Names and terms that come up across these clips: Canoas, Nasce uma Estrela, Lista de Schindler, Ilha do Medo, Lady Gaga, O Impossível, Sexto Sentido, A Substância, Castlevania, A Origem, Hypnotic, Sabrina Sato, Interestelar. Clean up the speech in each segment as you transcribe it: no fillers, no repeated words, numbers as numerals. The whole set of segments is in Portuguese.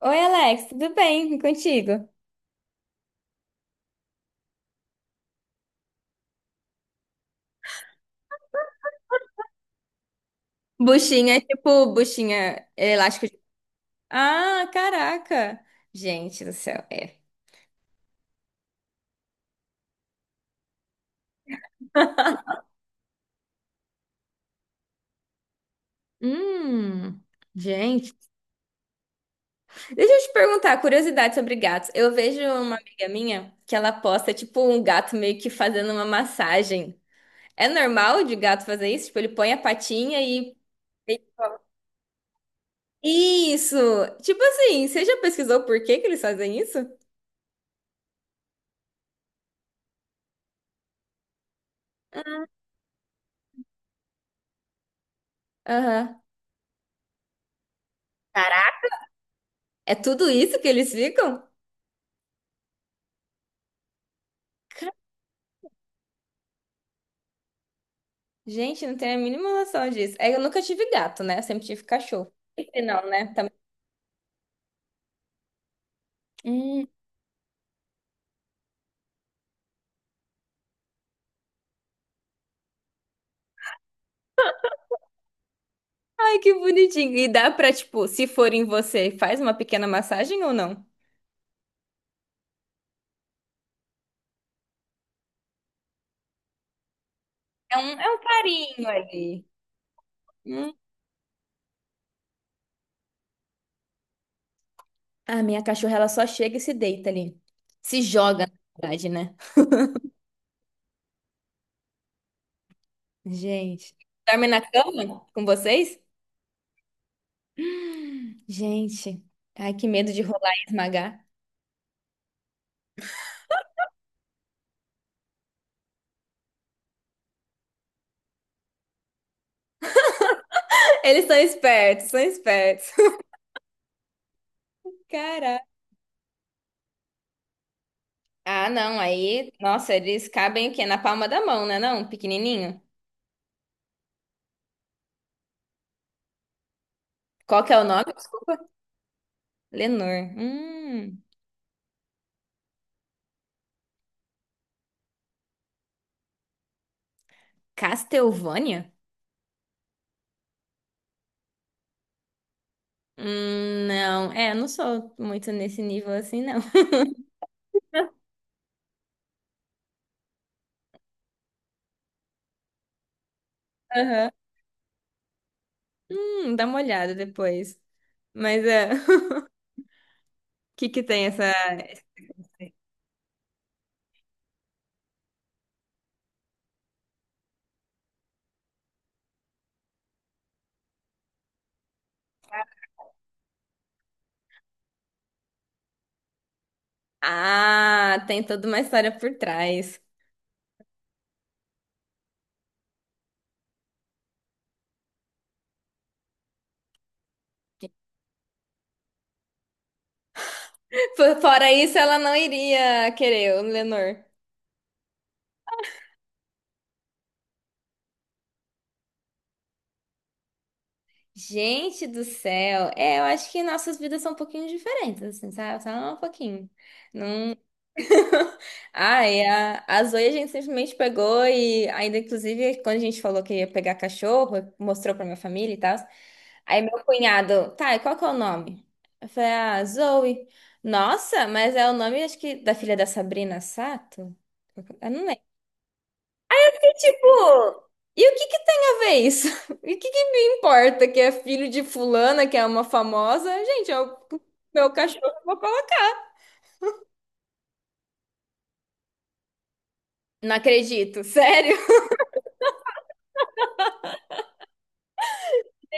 Oi, Alex, tudo bem? E contigo? Buchinha é tipo buchinha elástico. De- Ah, caraca! Gente do céu, é. Hum, gente. Deixa eu te perguntar, curiosidade sobre gatos. Eu vejo uma amiga minha que ela posta tipo um gato meio que fazendo uma massagem. É normal de gato fazer isso? Tipo, ele põe a patinha e. Isso! Tipo assim, você já pesquisou por que que eles fazem isso? Aham. Caraca. É tudo isso que eles ficam? Gente, não tenho a mínima noção disso. É, eu nunca tive gato, né? Eu sempre tive cachorro. E não, né? Também. Hum, ai, que bonitinho. E dá pra, tipo, se for em você, faz uma pequena massagem ou não? É um carinho ali. Hum. A minha cachorra, ela só chega e se deita ali. Se joga, na verdade, né? Gente. Dorme na cama com vocês? Gente. Ai, que medo de rolar e esmagar. Eles são espertos, são espertos. Caraca. Ah, não, aí, nossa, eles cabem o quê? Na palma da mão, né? Não, pequenininho. Qual que é o nome? Desculpa. Lenor. Castlevania? Não, é, eu não sou muito nesse nível assim, não. Aham. Dá uma olhada depois. Mas é, o que que tem essa... Ah, tem toda uma história por trás. Fo- Fora isso, ela não iria querer o Lenor. Gente do céu, é, eu acho que nossas vidas são um pouquinho diferentes, assim, sabe? Só um pouquinho. Não... Ai, a Zoe a gente simplesmente pegou e ainda, inclusive, quando a gente falou que ia pegar cachorro, mostrou pra minha família e tal. Aí meu cunhado, tá, e qual que é o nome? Eu falei, ah, Zoe. Nossa, mas é o nome, acho que, da filha da Sabrina Sato? Eu não lembro. Tipo, e o que que tem a ver isso? E o que que me importa que é filho de fulana, que é uma famosa? Gente, é o meu cachorro, eu vou colocar. Não acredito, sério?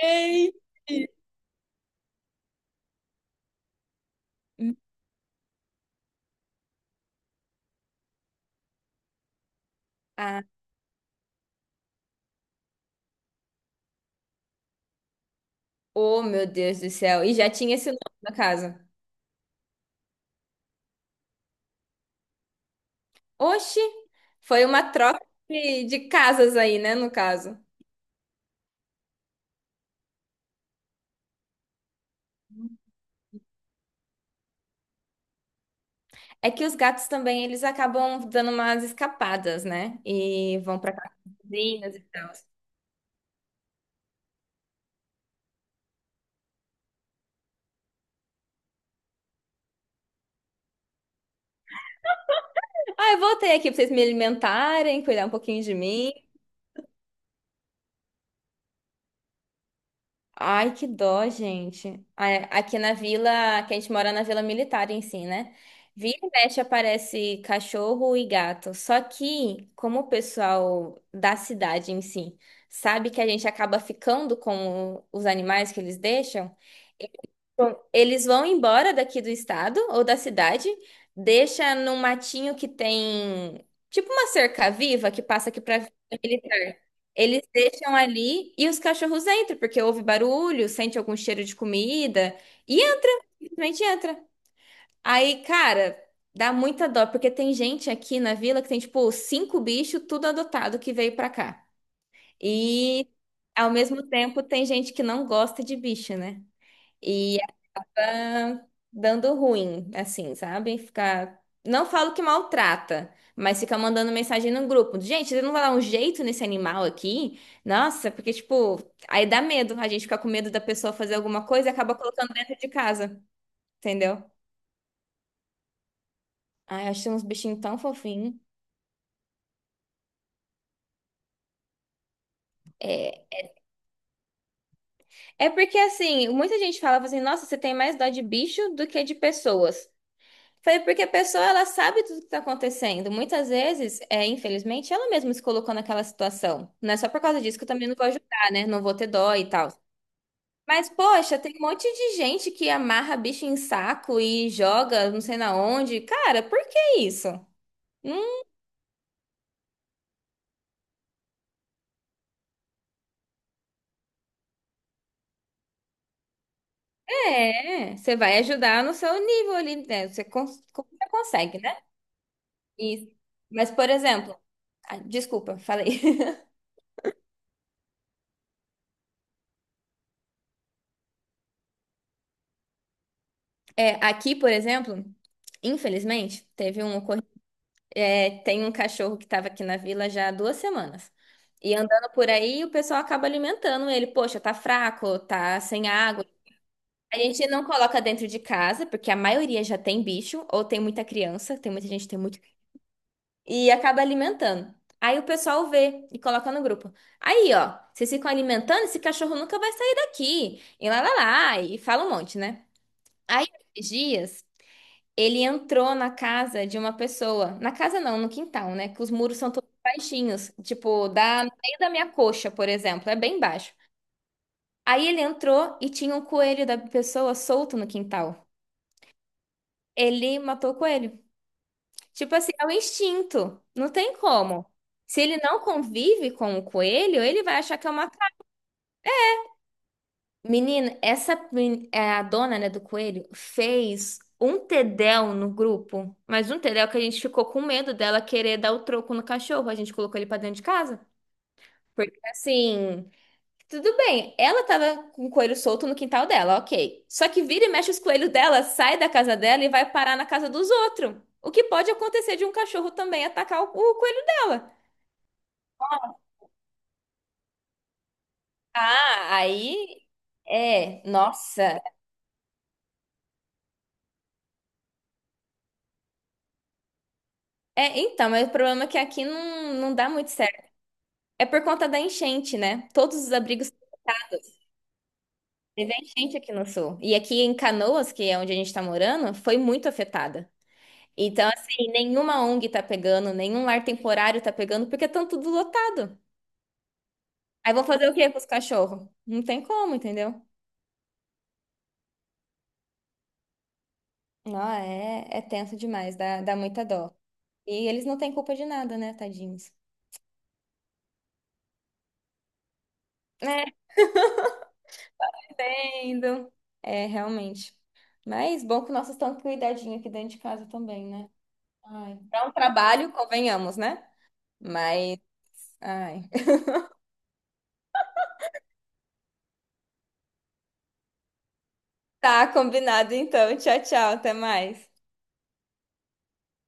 Ei, ah, oh meu Deus do céu. E já tinha esse nome na casa. Oxi, foi uma troca de casas aí, né, no caso. É que os gatos também, eles acabam dando umas escapadas, né? E vão pra casinhas e tal. Ah, eu voltei aqui pra vocês me alimentarem, cuidar um pouquinho de mim. Ai, que dó, gente. A- Aqui na vila, que a gente mora na vila militar em si, né? Vira e mexe aparece cachorro e gato. Só que, como o pessoal da cidade em si sabe que a gente acaba ficando com os animais que eles deixam, bom, eles vão embora daqui do estado ou da cidade, deixa num matinho que tem tipo uma cerca-viva que passa aqui para militar. Eles deixam ali e os cachorros entram, porque ouve barulho, sente algum cheiro de comida e entra, simplesmente entra. Aí, cara, dá muita dó, porque tem gente aqui na vila que tem tipo cinco bichos, tudo adotado que veio pra cá. E ao mesmo tempo tem gente que não gosta de bicho, né? E tá dando ruim, assim, sabe? Ficar. Não falo que maltrata, mas fica mandando mensagem no grupo. Gente, você não vai dar um jeito nesse animal aqui? Nossa, porque, tipo, aí dá medo. A gente fica com medo da pessoa fazer alguma coisa e acaba colocando dentro de casa, entendeu? Ai, acho uns bichinhos tão fofinhos. É porque, assim, muita gente fala assim, nossa, você tem mais dó de bicho do que de pessoas. Falei, porque a pessoa, ela sabe tudo que tá acontecendo. Muitas vezes, é, infelizmente, ela mesma se colocou naquela situação. Não é só por causa disso que eu também não vou ajudar, né? Não vou ter dó e tal. Mas, poxa, tem um monte de gente que amarra bicho em saco e joga não sei na onde. Cara, por que isso? Não é. Você vai ajudar no seu nível ali, né? Você, cons- você consegue, né? Isso. Mas, por exemplo... ah, desculpa, falei. É, aqui, por exemplo, infelizmente, teve um ocorrido. É, tem um cachorro que estava aqui na vila já há duas semanas. E andando por aí, o pessoal acaba alimentando ele. Poxa, tá fraco, tá sem água. A gente não coloca dentro de casa, porque a maioria já tem bicho, ou tem muita criança, tem muita gente que tem muito. E acaba alimentando. Aí o pessoal vê e coloca no grupo. Aí, ó, vocês ficam alimentando, esse cachorro nunca vai sair daqui. E lá, lá, lá, e fala um monte, né? Aí, esses dias. Ele entrou na casa de uma pessoa. Na casa não, no quintal, né? Que os muros são todos baixinhos. Tipo, da, no meio da minha coxa, por exemplo. É bem baixo. Aí ele entrou e tinha um coelho da pessoa solto no quintal. Ele matou o coelho. Tipo assim, é o instinto. Não tem como. Se ele não convive com o coelho, ele vai achar que é uma menina, essa men- é, a dona, né, do coelho fez um tedéu no grupo, mas um tedéu que a gente ficou com medo dela querer dar o troco no cachorro. A gente colocou ele pra dentro de casa. Porque assim, tudo bem, ela tava com o coelho solto no quintal dela, ok. Só que vira e mexe os coelhos dela, sai da casa dela e vai parar na casa dos outros. O que pode acontecer de um cachorro também atacar o coelho dela. Ah, aí. É, nossa. É, então, mas o problema é que aqui não, não dá muito certo. É por conta da enchente, né? Todos os abrigos parados. Teve a enchente aqui no sul. E aqui em Canoas, que é onde a gente tá morando, foi muito afetada. Então, assim, nenhuma ONG tá pegando, nenhum lar temporário tá pegando, porque estão tudo lotado. Aí vou fazer o quê com os cachorros? Não tem como, entendeu? Não, é, é tenso demais, dá muita dó. E eles não têm culpa de nada, né, tadinhos? É, entendo. É, realmente. Mas bom que nossos estão cuidadinho aqui dentro de casa também, né? Ai, para um trabalho, convenhamos, né? Mas, ai. Tá combinado então. Tchau, tchau. Até mais.